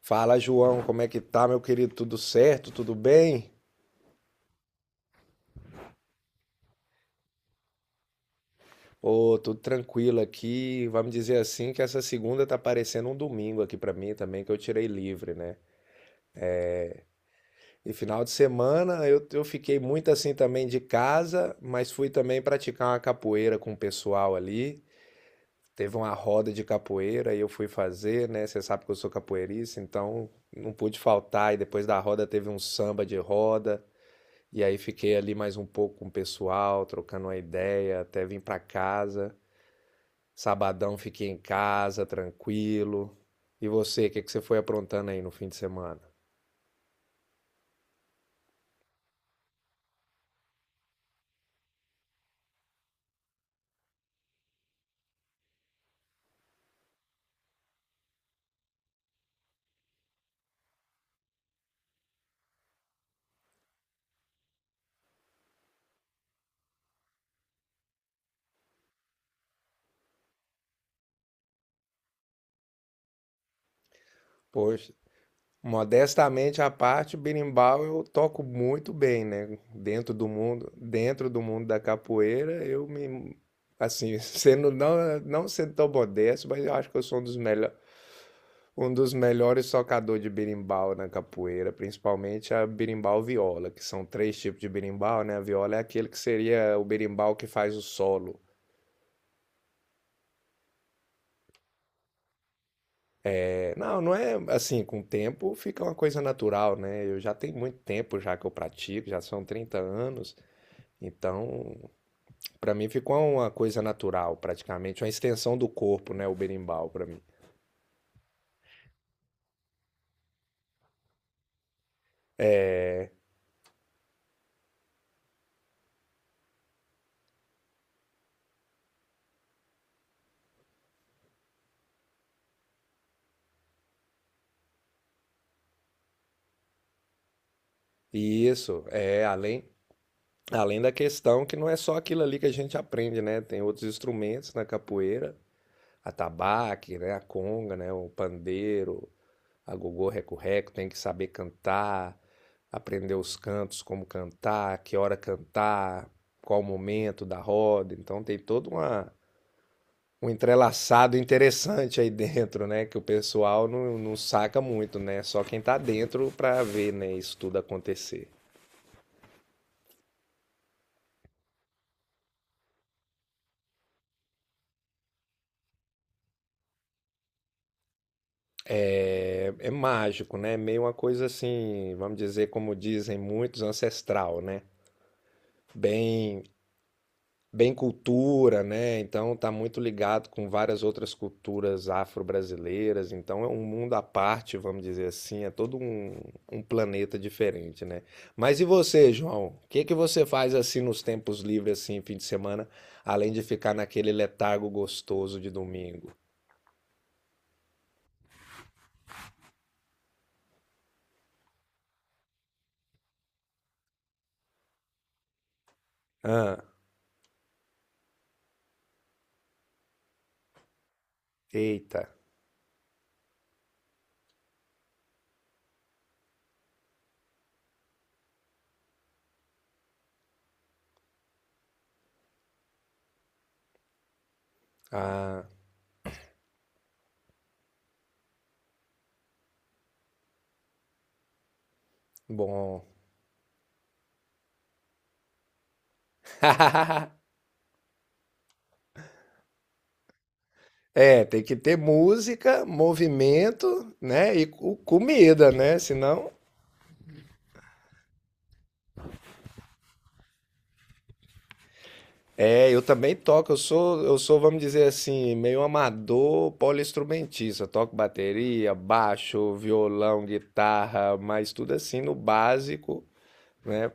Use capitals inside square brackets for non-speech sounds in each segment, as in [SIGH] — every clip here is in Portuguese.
Fala, João, como é que tá, meu querido? Tudo certo? Tudo bem? Ô, tudo tranquilo aqui. Vamos dizer assim que essa segunda tá parecendo um domingo aqui pra mim também, que eu tirei livre, né? E final de semana eu fiquei muito assim também de casa, mas fui também praticar uma capoeira com o pessoal ali. Teve uma roda de capoeira e eu fui fazer, né? Você sabe que eu sou capoeirista, então não pude faltar. E depois da roda teve um samba de roda. E aí fiquei ali mais um pouco com o pessoal, trocando uma ideia, até vim para casa. Sabadão fiquei em casa, tranquilo. E você, o que que você foi aprontando aí no fim de semana? Poxa, modestamente à parte, berimbau eu toco muito bem, né? Dentro do mundo da capoeira, eu me assim, [LAUGHS] sendo não sendo tão modesto, mas eu acho que eu sou um dos melhores tocadores de berimbau na capoeira, principalmente a berimbau viola, que são três tipos de berimbau, né? A viola é aquele que seria o berimbau que faz o solo. É, não, não é assim, com o tempo fica uma coisa natural, né? Eu já tenho muito tempo já que eu pratico, já são 30 anos, então para mim ficou uma coisa natural, praticamente uma extensão do corpo, né, o berimbau para mim. E isso é além Além da questão que não é só aquilo ali que a gente aprende, né? Tem outros instrumentos na capoeira, atabaque, né? A conga, né? O pandeiro, a gogô, reco-reco, tem que saber cantar, aprender os cantos, como cantar, que hora cantar, qual momento da roda. Então tem um entrelaçado interessante aí dentro, né? Que o pessoal não saca muito, né? Só quem tá dentro para ver, né? Isso tudo acontecer. É, é mágico, né? Meio uma coisa assim, vamos dizer, como dizem muitos, ancestral, né? Bem bem cultura, né? Então tá muito ligado com várias outras culturas afro-brasileiras. Então é um mundo à parte, vamos dizer assim, um planeta diferente, né? Mas e você, João? O que que você faz assim nos tempos livres, assim, fim de semana, além de ficar naquele letargo gostoso de domingo? Ah, eita, ah, bom. [LAUGHS] É, tem que ter música, movimento, né? E comida, né? Senão. É, eu também toco, eu sou, vamos dizer assim, meio amador poliinstrumentista. Eu toco bateria, baixo, violão, guitarra, mas tudo assim no básico, né?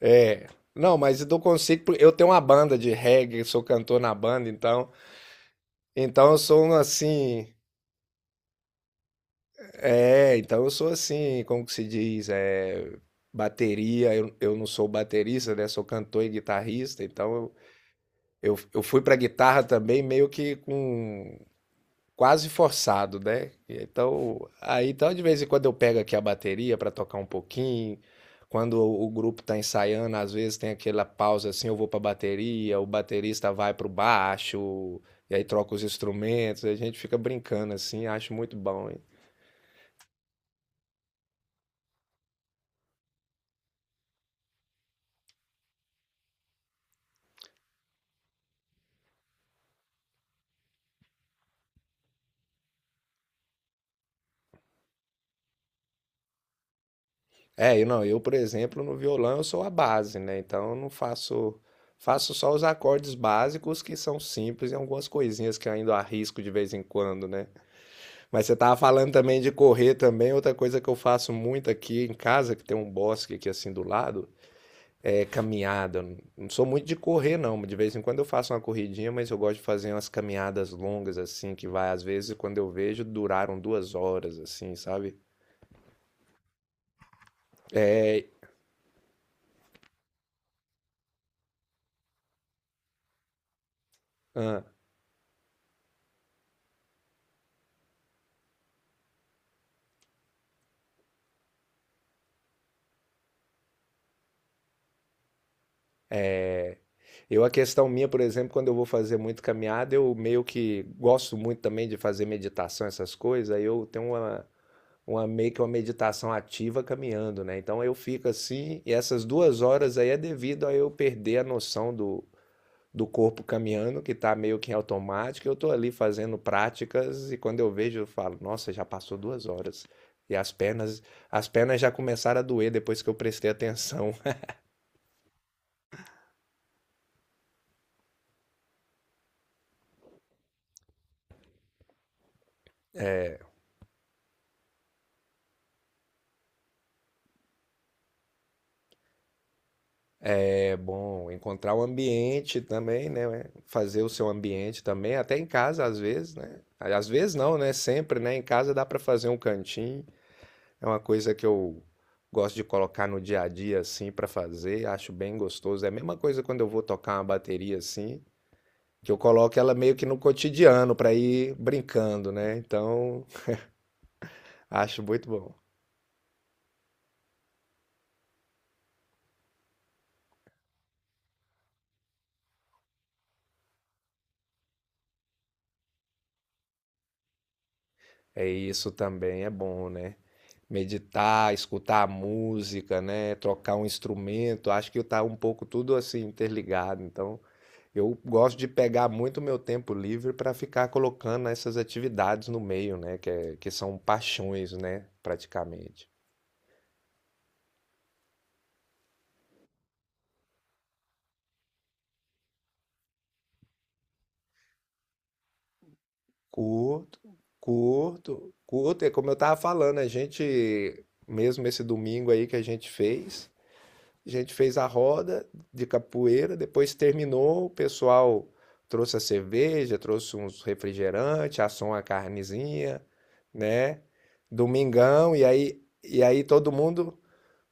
É. Não, mas eu não consigo, porque eu tenho uma banda de reggae, sou cantor na banda, então, então eu sou um assim, é, então eu sou assim, como que se diz, é, bateria, eu não sou baterista, né? Sou cantor e guitarrista, então eu fui pra guitarra também meio que com quase forçado, né? Então, aí então de vez em quando eu pego aqui a bateria para tocar um pouquinho. Quando o grupo tá ensaiando, às vezes tem aquela pausa assim, eu vou para bateria, o baterista vai pro baixo, e aí troca os instrumentos, a gente fica brincando assim, acho muito bom, hein? É, eu, por exemplo, no violão eu sou a base, né? Então eu não faço faço só os acordes básicos que são simples e algumas coisinhas que eu ainda arrisco de vez em quando, né? Mas você tava falando também de correr também. Outra coisa que eu faço muito aqui em casa, que tem um bosque aqui assim do lado, é caminhada. Eu não sou muito de correr, não. De vez em quando eu faço uma corridinha, mas eu gosto de fazer umas caminhadas longas, assim, que vai, às vezes, quando eu vejo, duraram 2 horas, assim, sabe? É, ah, eu, a questão minha, por exemplo, quando eu vou fazer muito caminhada, eu meio que gosto muito também de fazer meditação, essas coisas. Aí eu tenho uma meio que uma meditação ativa caminhando, né? Então eu fico assim, e essas 2 horas aí é devido a eu perder a noção do corpo caminhando, que tá meio que em automático. Eu tô ali fazendo práticas e quando eu vejo, eu falo, nossa, já passou 2 horas. E as pernas já começaram a doer depois que eu prestei atenção. [LAUGHS] É bom encontrar o ambiente também, né? Fazer o seu ambiente também, até em casa às vezes, né? Às vezes não, né? Sempre, né? Em casa dá para fazer um cantinho. É uma coisa que eu gosto de colocar no dia a dia assim para fazer, acho bem gostoso. É a mesma coisa quando eu vou tocar uma bateria assim, que eu coloco ela meio que no cotidiano para ir brincando, né? Então, acho muito bom. É, isso também é bom, né? Meditar, escutar a música, né? Trocar um instrumento, acho que tá um pouco tudo assim interligado, então eu gosto de pegar muito meu tempo livre para ficar colocando essas atividades no meio, né? Que, que são paixões, né? Praticamente. Curto, curto, curto. É como eu tava falando, a gente, mesmo esse domingo aí que a gente fez, a gente fez a roda de capoeira, depois terminou, o pessoal trouxe a cerveja, trouxe uns refrigerantes, assou uma carnezinha, né? Domingão, e aí todo mundo.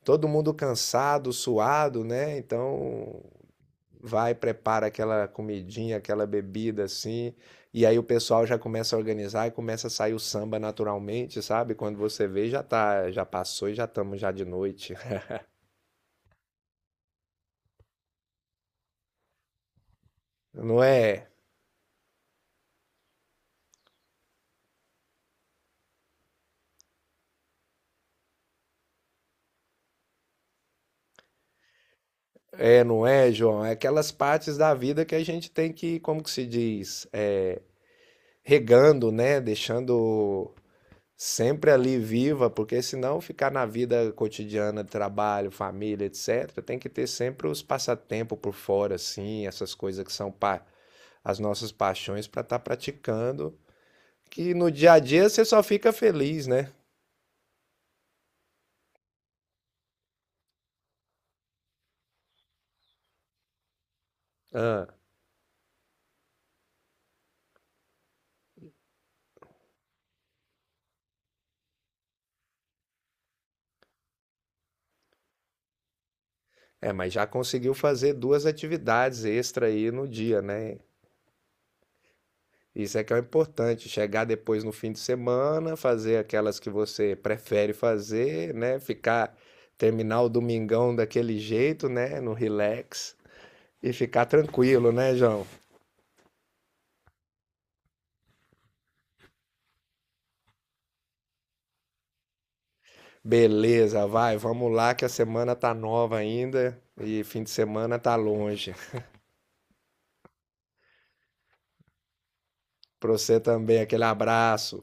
todo mundo cansado, suado, né? Então vai, prepara aquela comidinha, aquela bebida assim, e aí o pessoal já começa a organizar e começa a sair o samba naturalmente, sabe? Quando você vê, já tá, já passou e já estamos já de noite. [LAUGHS] Não é? É, não é, João? É aquelas partes da vida que a gente tem que, como que se diz, é, regando, né? Deixando sempre ali viva, porque senão ficar na vida cotidiana, trabalho, família, etc., tem que ter sempre os passatempos por fora, assim, essas coisas que as nossas paixões para estar praticando, que no dia a dia você só fica feliz, né? Ah, é, mas já conseguiu fazer duas atividades extra aí no dia, né? Isso é que é o importante, chegar depois no fim de semana, fazer aquelas que você prefere fazer, né? Ficar, terminar o domingão daquele jeito, né? No relax e ficar tranquilo, né, João? Beleza, vai, vamos lá que a semana tá nova ainda e fim de semana tá longe. Pra você também, aquele abraço.